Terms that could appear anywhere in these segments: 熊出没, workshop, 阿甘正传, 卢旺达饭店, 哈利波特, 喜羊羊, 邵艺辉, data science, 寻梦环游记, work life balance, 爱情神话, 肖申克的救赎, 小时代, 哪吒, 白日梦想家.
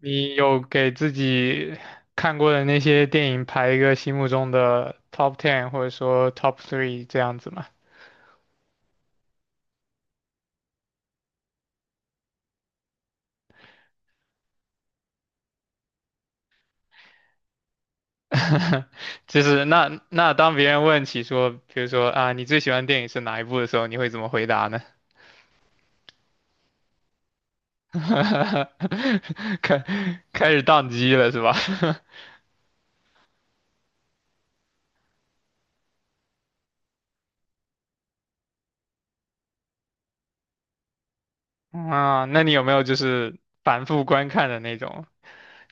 你有给自己看过的那些电影排一个心目中的 top ten 或者说 top three 这样子吗？就是那当别人问起说，比如说啊，你最喜欢电影是哪一部的时候，你会怎么回答呢？开开始宕机了是吧？啊，那你有没有就是反复观看的那种？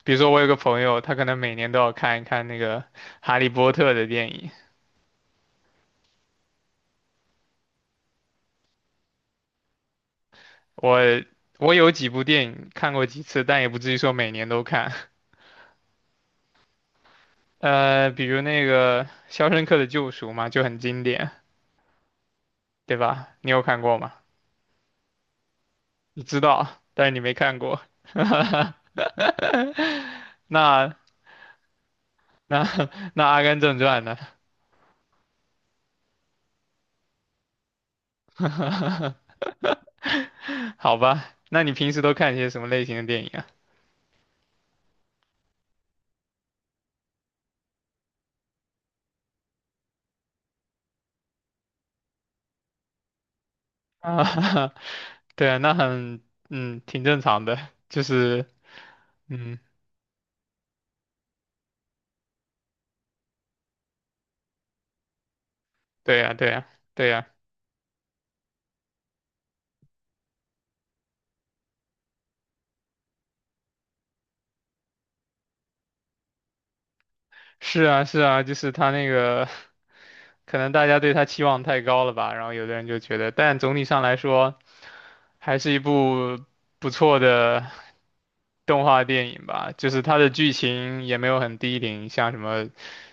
比如说我有个朋友，他可能每年都要看一看那个《哈利波特》的电影。我我有几部电影看过几次，但也不至于说每年都看。比如那个《肖申克的救赎》嘛，就很经典，对吧？你有看过吗？你知道，但是你没看过。那那那《阿甘正传》呢？好吧，那你平时都看些什么类型的电影啊？啊，对啊，那很嗯挺正常的，就是嗯，对呀，对呀，对呀。是啊，是啊，就是他那个，可能大家对他期望太高了吧，然后有的人就觉得，但总体上来说，还是一部不错的动画电影吧。就是它的剧情也没有很低龄，像什么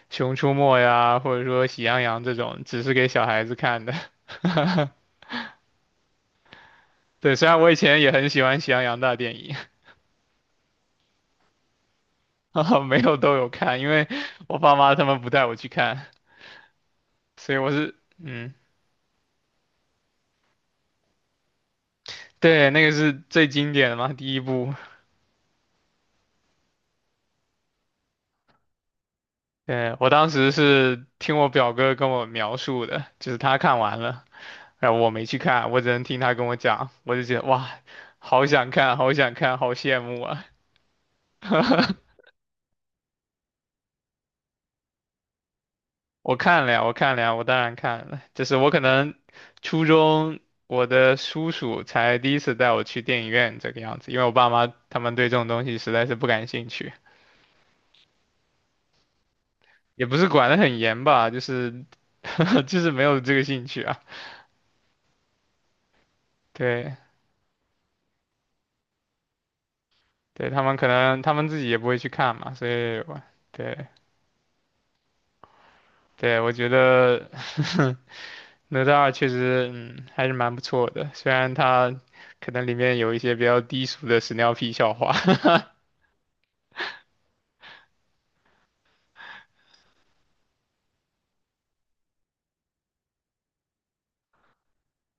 《熊出没》呀，或者说《喜羊羊》这种，只是给小孩子看的。对，虽然我以前也很喜欢《喜羊羊》大电影，哈哈没有都有看，因为我爸妈他们不带我去看，所以我是，嗯，对，那个是最经典的嘛，第一部。对，我当时是听我表哥跟我描述的，就是他看完了，然后我没去看，我只能听他跟我讲，我就觉得哇，好想看，好想看，好羡慕啊！我看了呀，我看了呀，我当然看了，就是我可能初中我的叔叔才第一次带我去电影院这个样子，因为我爸妈他们对这种东西实在是不感兴趣，也不是管得很严吧，就是 就是没有这个兴趣啊，对。对，他们可能他们自己也不会去看嘛，所以我对对，我觉得 哪吒二确实嗯还是蛮不错的，虽然它可能里面有一些比较低俗的屎尿屁笑话。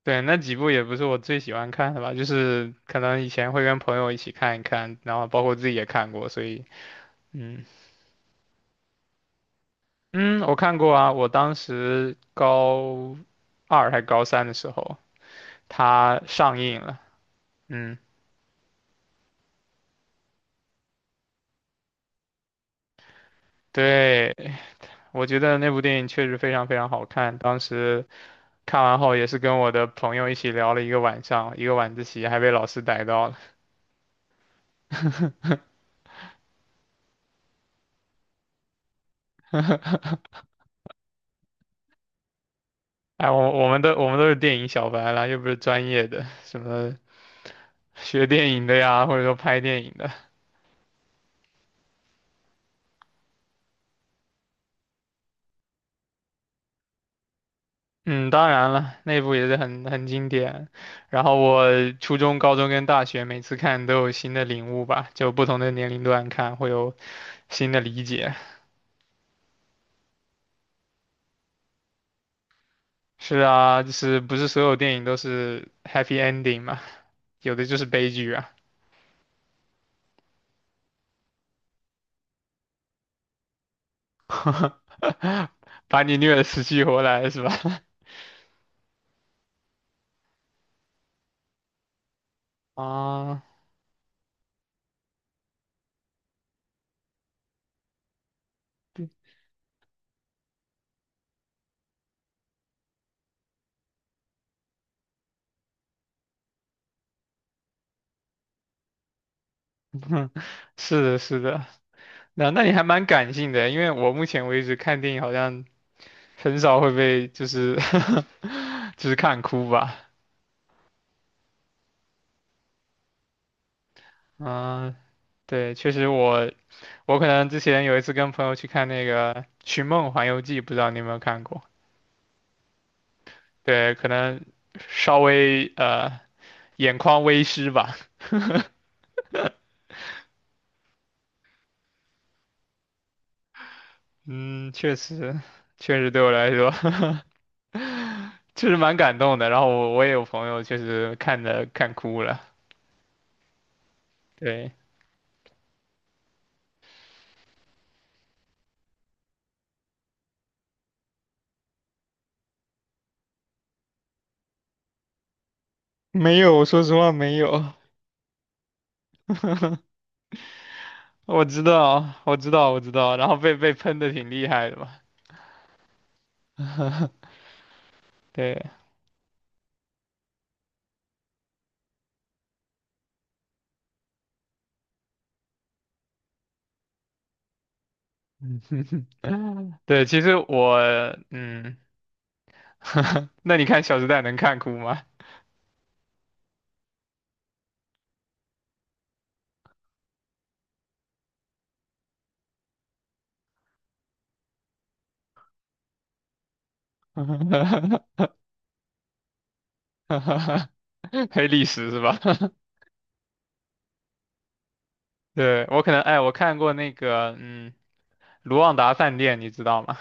对，那几部也不是我最喜欢看的吧，就是可能以前会跟朋友一起看一看，然后包括自己也看过，所以嗯嗯，我看过啊，我当时高二还高三的时候，它上映了，嗯。对，我觉得那部电影确实非常非常好看，当时看完后也是跟我的朋友一起聊了一个晚上，一个晚自习还被老师逮到了。哎，我们都是电影小白啦，又不是专业的，什么学电影的呀，或者说拍电影的。嗯，当然了，那部也是很经典。然后我初中、高中跟大学每次看都有新的领悟吧，就不同的年龄段看会有新的理解。是啊，就是不是所有电影都是 happy ending 嘛？有的就是悲剧啊，把你虐得死去活来是吧？啊，是的，是的，那你还蛮感性的，因为我目前为止看电影好像很少会被就是 就是看哭吧。嗯，对，确实我可能之前有一次跟朋友去看那个《寻梦环游记》，不知道你有没有看过？对，可能稍微眼眶微湿吧。嗯，确实，确实对我来说。确实蛮感动的。然后我也有朋友确实看的看哭了。对，没有，说实话没有。我知道，我知道，我知道。然后被喷的挺厉害的嘛。对，对，其实我，嗯，那你看《小时代》能看哭吗？黑历史是吧？对，我可能，哎，我看过那个，嗯，《卢旺达饭店》，你知道吗？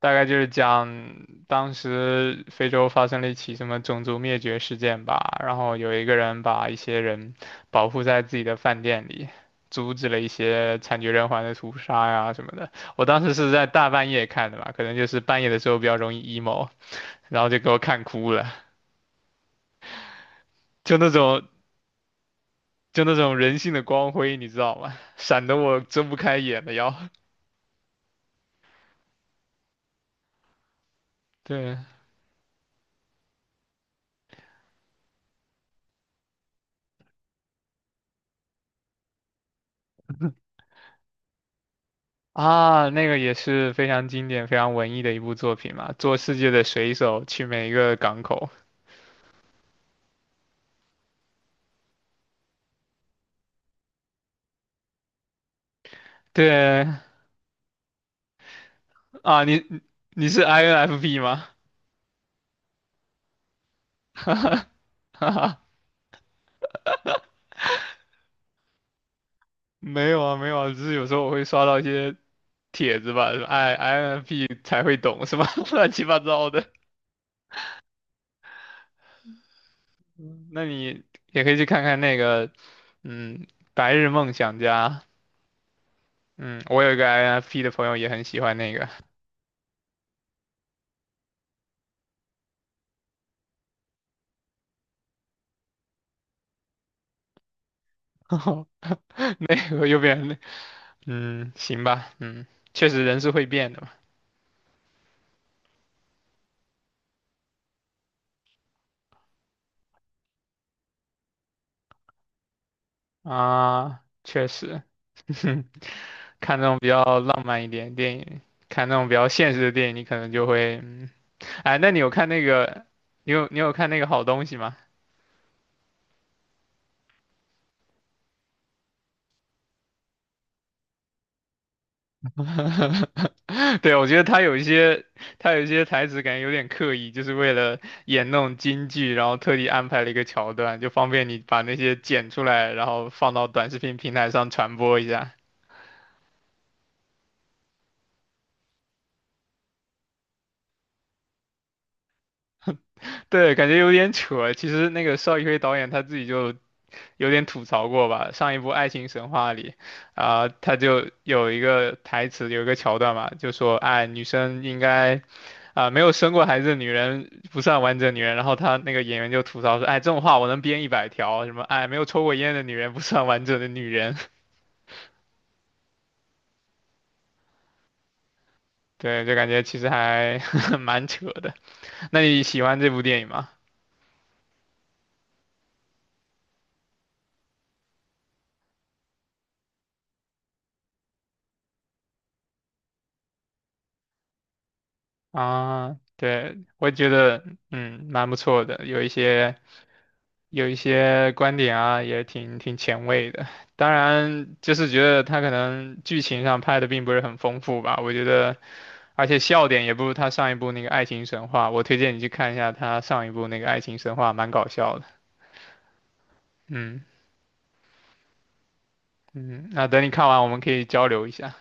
大概就是讲当时非洲发生了一起什么种族灭绝事件吧，然后有一个人把一些人保护在自己的饭店里，阻止了一些惨绝人寰的屠杀呀什么的。我当时是在大半夜看的吧，可能就是半夜的时候比较容易 emo，然后就给我看哭了，就那种就那种人性的光辉，你知道吗？闪得我睁不开眼的要。对，啊，那个也是非常经典、非常文艺的一部作品嘛，做世界的水手去每一个港口。对啊，你是 INFP 吗？哈哈，没有啊，没有啊，只是有时候我会刷到一些帖子吧，哎，INFP 才会懂是吧？乱七八糟的。嗯那你也可以去看看那个，嗯，《白日梦想家》。嗯，我有一个 INFP 的朋友也很喜欢那个，那个右边那。嗯，行吧，嗯，确实人是会变的嘛。啊，确实，看那种比较浪漫一点的电影，看那种比较现实的电影，你可能就会，嗯，哎，那你有看那个，你有看那个好东西吗？对，我觉得他有一些台词感觉有点刻意，就是为了演那种京剧，然后特地安排了一个桥段，就方便你把那些剪出来，然后放到短视频平台上传播一下。对，感觉有点扯。其实那个邵艺辉导演他自己就有点吐槽过吧，上一部《爱情神话》里，啊、他就有一个台词，有一个桥段嘛，就说，哎，女生应该，啊、没有生过孩子的女人不算完整女人。然后他那个演员就吐槽说，哎，这种话我能编100条，什么，哎，没有抽过烟的女人不算完整的女人。对，就感觉其实还 蛮扯的。那你喜欢这部电影吗？啊，对，我觉得，嗯，蛮不错的，有一些观点啊，也挺前卫的。当然，就是觉得他可能剧情上拍的并不是很丰富吧。我觉得，而且笑点也不如他上一部那个《爱情神话》。我推荐你去看一下他上一部那个《爱情神话》，蛮搞笑的。嗯嗯，那等你看完，我们可以交流一下。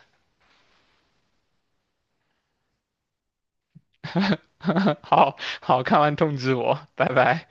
好好，看完通知我，拜拜。